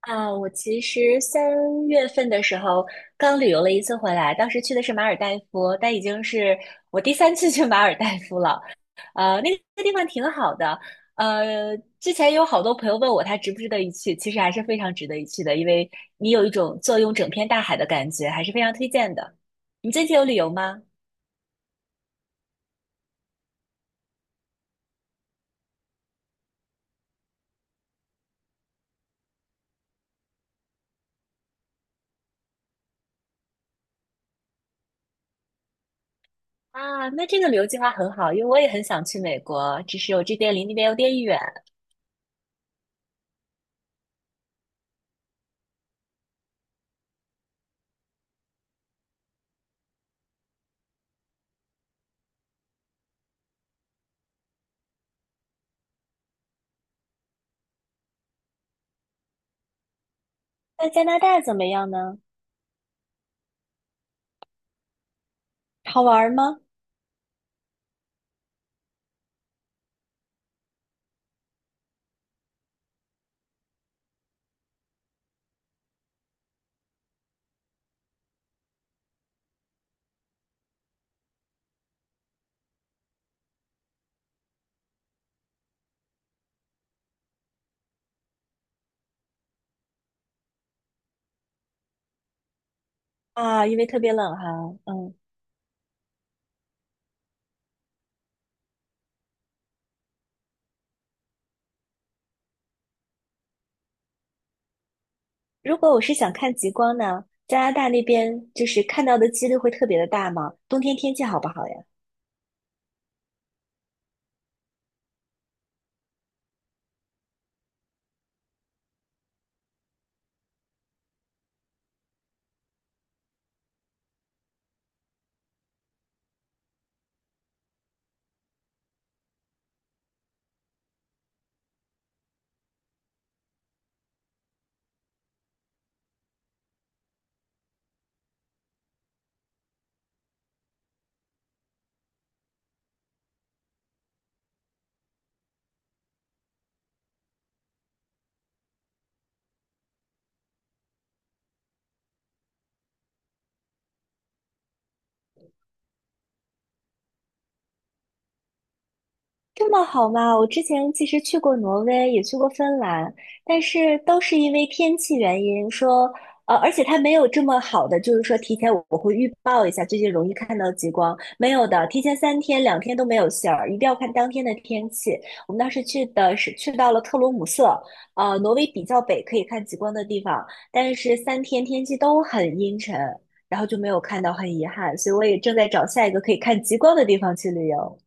啊，我其实3月份的时候刚旅游了一次回来，当时去的是马尔代夫，但已经是我第三次去马尔代夫了。那个地方挺好的。呃，之前有好多朋友问我它值不值得一去，其实还是非常值得一去的，因为你有一种坐拥整片大海的感觉，还是非常推荐的。你最近有旅游吗？啊，那这个旅游计划很好，因为我也很想去美国，只是我这边离那边有点远。那加拿大怎么样呢？好玩吗？啊，因为特别冷哈，嗯，如果我是想看极光呢，加拿大那边就是看到的几率会特别的大吗？冬天天气好不好呀？这么好吗？我之前其实去过挪威，也去过芬兰，但是都是因为天气原因说，而且它没有这么好的，就是说提前我会预报一下最近容易看到极光，没有的，提前三天两天都没有信儿，一定要看当天的天气。我们当时去的是去到了特罗姆瑟，挪威比较北可以看极光的地方，但是三天天气都很阴沉，然后就没有看到，很遗憾，所以我也正在找下一个可以看极光的地方去旅游。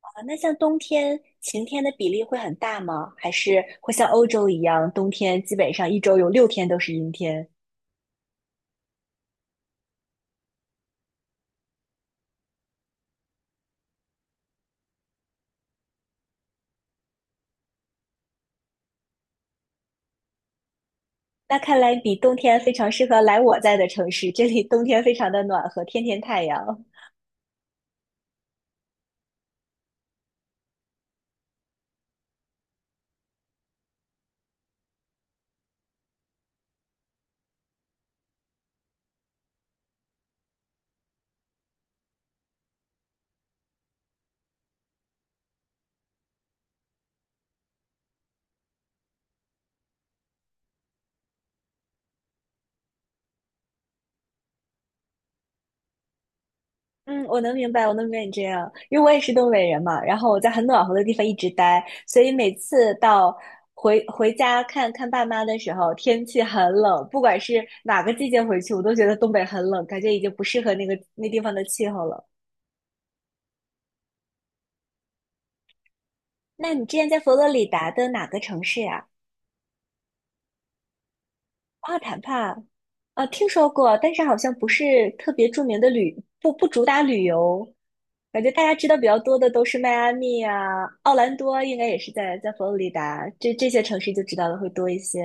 啊，那像冬天晴天的比例会很大吗？还是会像欧洲一样，冬天基本上一周有6天都是阴天？那看来你冬天非常适合来我在的城市，这里冬天非常的暖和，天天太阳。嗯，我能明白，我能明白你这样，因为我也是东北人嘛，然后我在很暖和的地方一直待，所以每次到回家看看爸妈的时候，天气很冷，不管是哪个季节回去，我都觉得东北很冷，感觉已经不适合那个那地方的气候了。那你之前在佛罗里达的哪个城市呀？阿坦帕，啊，听说过，但是好像不是特别著名的不主打旅游，感觉大家知道比较多的都是迈阿密啊、奥兰多，应该也是在佛罗里达，这些城市就知道的会多一些。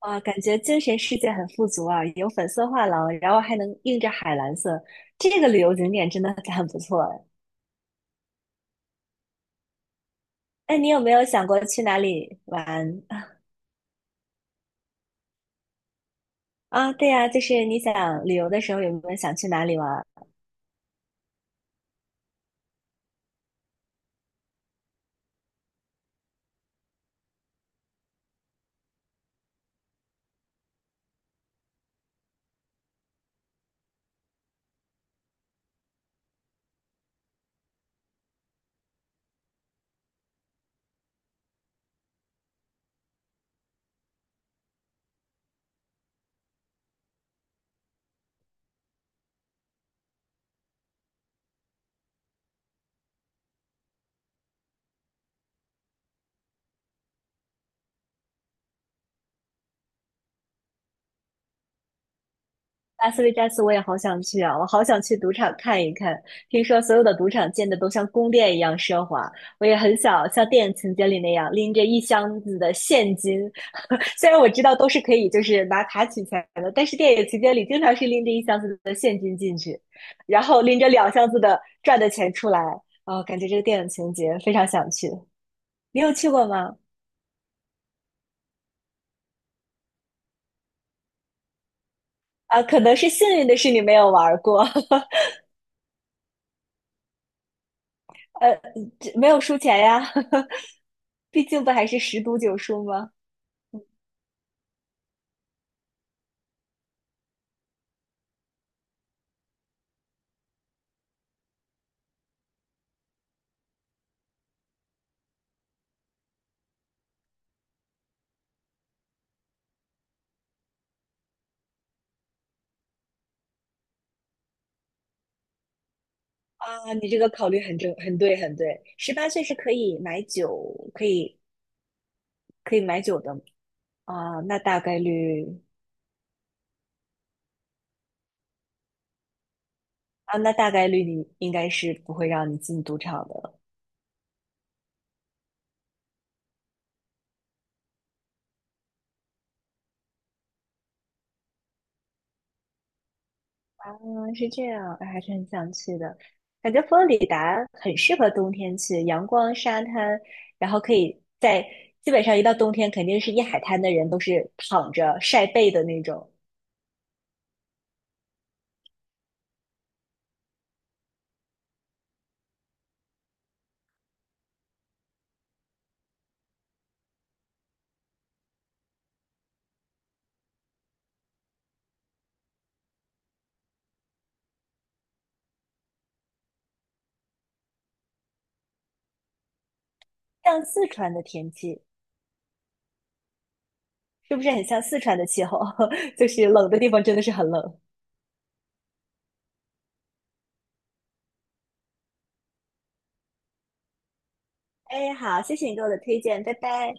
啊，感觉精神世界很富足啊，有粉色画廊，然后还能映着海蓝色，这个旅游景点真的很不错哎。那你有没有想过去哪里玩？啊，对呀，就是你想旅游的时候有没有想去哪里玩儿？拉斯维加斯我也好想去啊，我好想去赌场看一看。听说所有的赌场建的都像宫殿一样奢华，我也很想像电影情节里那样拎着一箱子的现金。虽然我知道都是可以就是拿卡取钱的，但是电影情节里经常是拎着一箱子的现金进去，然后拎着两箱子的赚的钱出来。哦，感觉这个电影情节非常想去。你有去过吗？啊，可能是幸运的是你没有玩儿过。呃，这没有输钱呀，毕竟不还是十赌九输吗？啊，你这个考虑很正，很对，很对。18岁是可以买酒，可以买酒的啊。那大概率你应该是不会让你进赌场的。啊，是这样，哎还是很想去的。感觉佛罗里达很适合冬天去，阳光、沙滩，然后可以在基本上一到冬天，肯定是一海滩的人都是躺着晒背的那种。像四川的天气，是不是很像四川的气候？就是冷的地方真的是很冷。哎，好，谢谢你给我的推荐，拜拜。